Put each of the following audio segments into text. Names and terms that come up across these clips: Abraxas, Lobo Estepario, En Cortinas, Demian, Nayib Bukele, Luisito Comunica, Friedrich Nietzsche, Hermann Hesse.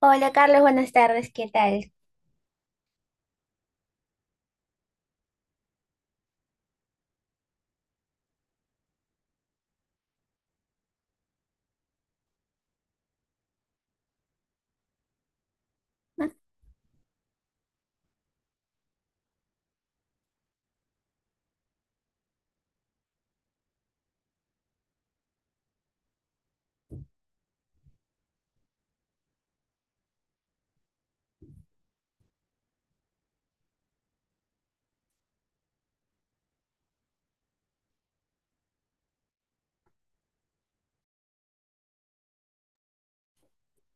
Hola Carlos, buenas tardes, ¿qué tal?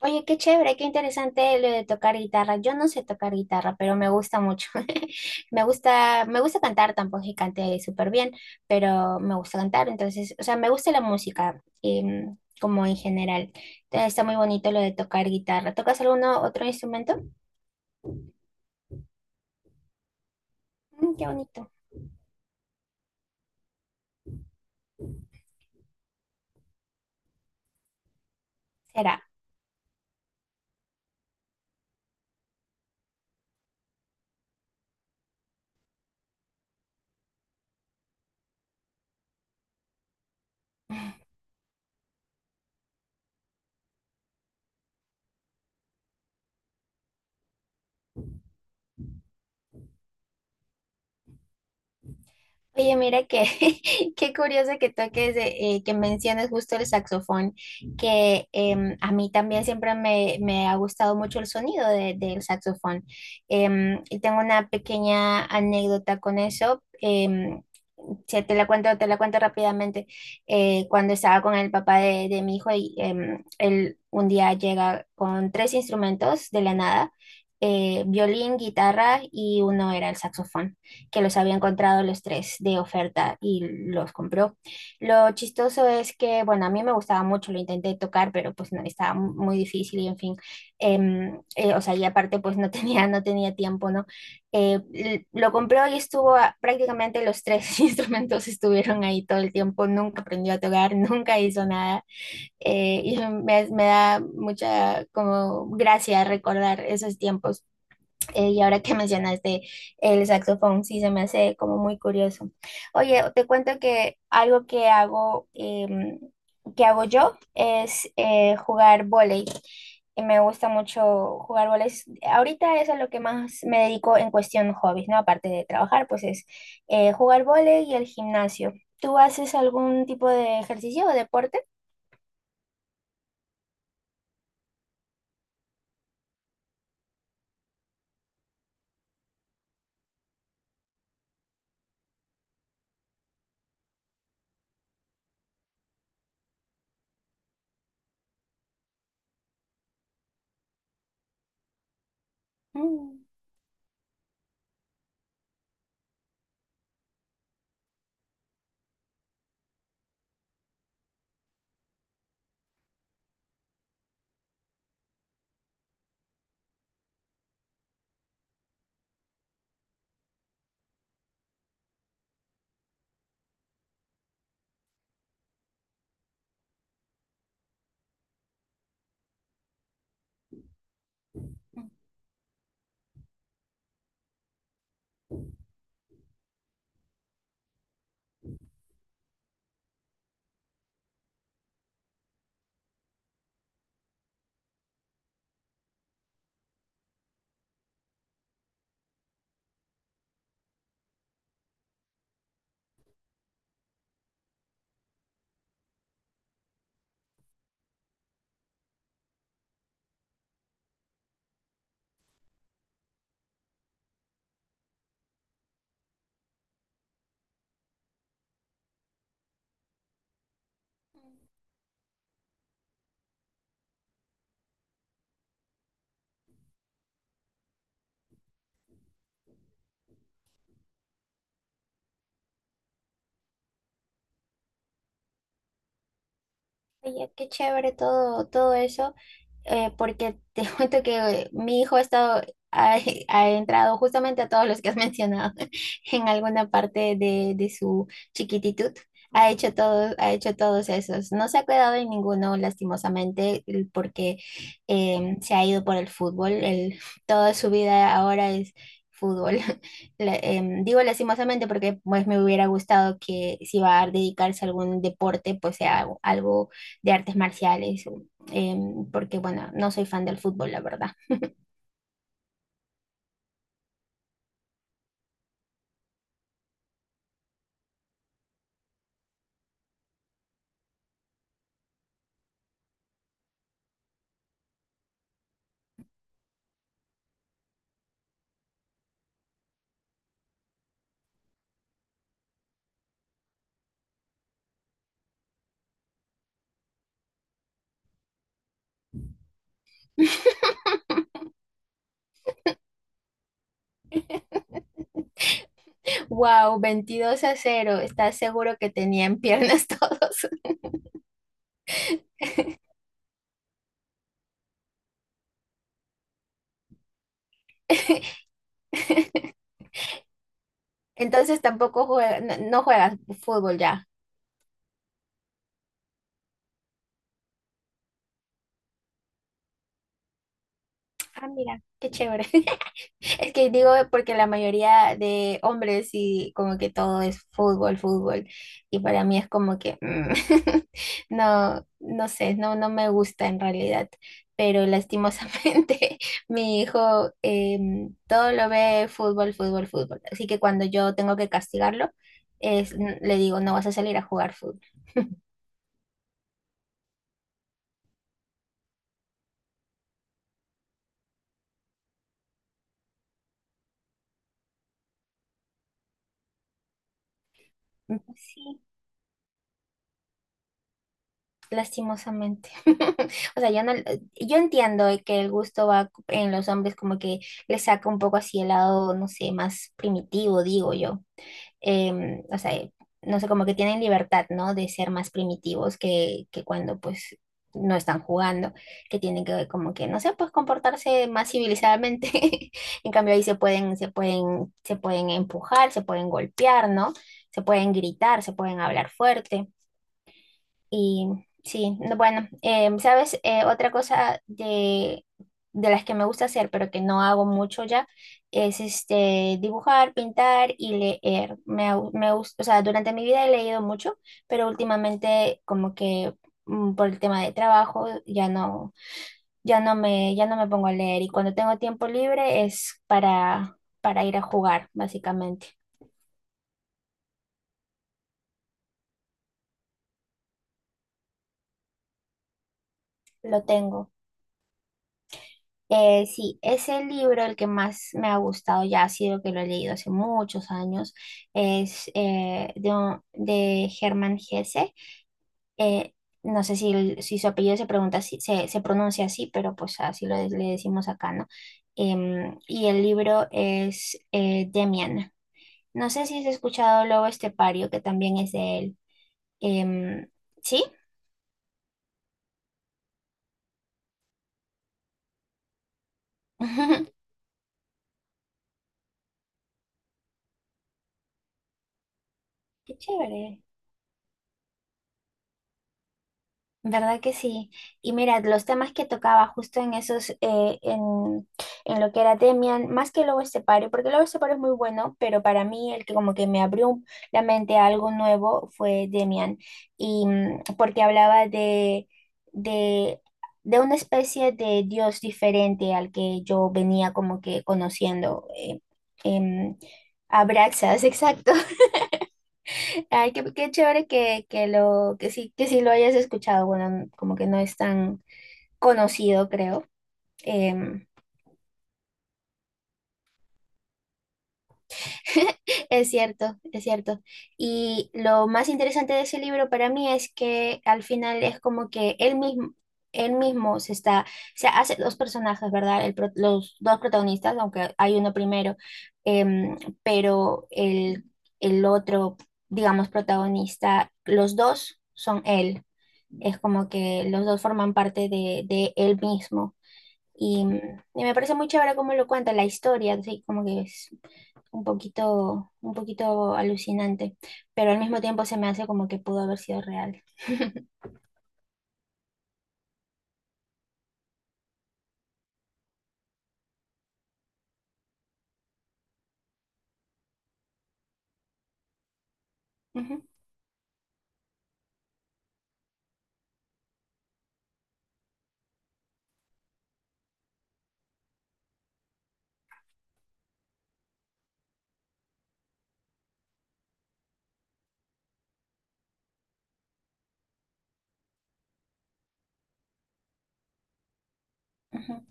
Oye, qué chévere, qué interesante lo de tocar guitarra. Yo no sé tocar guitarra, pero me gusta mucho. Me gusta cantar, tampoco es que cante súper bien, pero me gusta cantar, entonces, o sea, me gusta la música, como en general. Entonces, está muy bonito lo de tocar guitarra. ¿Tocas alguno otro instrumento? Mm, qué bonito. Será. Oye, mira que qué curioso que toques, que menciones justo el saxofón, que a mí también siempre me ha gustado mucho el sonido del saxofón. Em, y tengo una pequeña anécdota con eso. Te la cuento rápidamente. Cuando estaba con el papá de mi hijo, y, él un día llega con tres instrumentos de la nada, violín, guitarra y uno era el saxofón que los había encontrado los tres de oferta y los compró. Lo chistoso es que, bueno, a mí me gustaba mucho, lo intenté tocar, pero pues no, estaba muy difícil y en fin, o sea, y aparte pues no no tenía tiempo, ¿no? Lo compró y estuvo prácticamente los tres instrumentos estuvieron ahí todo el tiempo, nunca aprendió a tocar, nunca hizo nada. Y me da mucha como gracia recordar esos tiempos. Y ahora que mencionaste el saxofón, sí, se me hace como muy curioso. Oye, te cuento que algo que hago, que hago yo es jugar vóley. Y me gusta mucho jugar vóley. Ahorita es a lo que más me dedico en cuestión hobbies, ¿no? Aparte de trabajar, pues es jugar vóley y el gimnasio. ¿Tú haces algún tipo de ejercicio o deporte? Mm. Oye, qué chévere todo, todo eso. Porque te cuento que mi hijo ha estado, ha, ha entrado justamente a todos los que has mencionado en alguna parte de su chiquititud. Ha hecho todos esos. No se ha quedado en ninguno, lastimosamente, porque se ha ido por el fútbol. El, toda su vida ahora es fútbol. Digo lastimosamente porque pues me hubiera gustado que si va a dedicarse a algún deporte, pues sea algo de artes marciales, porque bueno, no soy fan del fútbol, la verdad. Wow, 22-0. ¿Estás seguro que tenían piernas todos? Entonces tampoco juega- no, no juegas fútbol ya. Ah, mira, qué chévere. Es que digo porque la mayoría de hombres y como que todo es fútbol, fútbol. Y para mí es como que mm, no, no sé, no, no me gusta en realidad. Pero lastimosamente mi hijo, todo lo ve fútbol, fútbol, fútbol. Así que cuando yo tengo que castigarlo, le digo, no vas a salir a jugar fútbol. Sí, lastimosamente. O sea, yo no, yo entiendo que el gusto va en los hombres como que le saca un poco así el lado, no sé, más primitivo, digo yo. O sea, no sé, como que tienen libertad, ¿no? De ser más primitivos que cuando pues no están jugando, que tienen que como que, no sé, pues comportarse más civilizadamente. En cambio ahí se pueden empujar, se pueden golpear, ¿no? Se pueden gritar, se pueden hablar fuerte. Y sí, no, bueno, ¿sabes? Otra cosa de las que me gusta hacer, pero que no hago mucho ya, es este, dibujar, pintar y leer. Me, au- me, gus- O sea, durante mi vida he leído mucho, pero últimamente como que mm, por el tema de trabajo ya no, ya no me pongo a leer. Y cuando tengo tiempo libre es para ir a jugar, básicamente. Lo tengo. Sí, es el libro el que más me ha gustado, ya ha sido que lo he leído hace muchos años, es de Hermann Hesse. Eh, no sé si, si su apellido se pregunta se, se pronuncia así, pero pues así lo, le decimos acá, ¿no? Y el libro es Demian. No sé si has escuchado Lobo Estepario, que también es de él. Em, ¿Sí? Qué chévere. ¿Verdad que sí? Y mira, los temas que tocaba justo en esos, en lo que era Demian, más que Lobo Estepario, porque Lobo Estepario es muy bueno, pero para mí el que como que me abrió la mente a algo nuevo fue Demian, y mm, porque hablaba de, de una especie de Dios diferente al que yo venía como que conociendo. Em, Abraxas, exacto. Ay, qué chévere que lo, que sí lo hayas escuchado. Bueno, como que no es tan conocido, creo. Em, es cierto, es cierto. Y lo más interesante de ese libro para mí es que al final es como que él mismo, él mismo se está, se hace dos personajes, ¿verdad? Los dos protagonistas, aunque hay uno primero, em, pero el otro, digamos, protagonista, los dos son él. Es como que los dos forman parte de él mismo. Y, y me parece muy chévere cómo lo cuenta la historia, así como que es un poquito alucinante, pero al mismo tiempo se me hace como que pudo haber sido real. Ujú, ujú.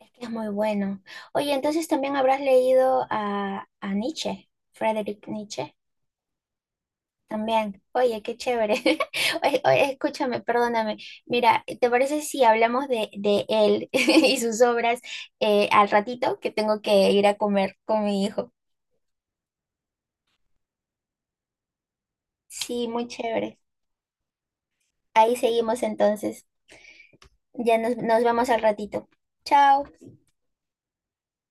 Es que es muy bueno. Oye, entonces también habrás leído a Nietzsche, Friedrich Nietzsche, también. Oye, qué chévere. Oye, escúchame, perdóname. Mira, ¿te parece si hablamos de él y sus obras al ratito, que tengo que ir a comer con mi hijo? Sí, muy chévere. Ahí seguimos entonces. Ya nos vemos al ratito. Chao.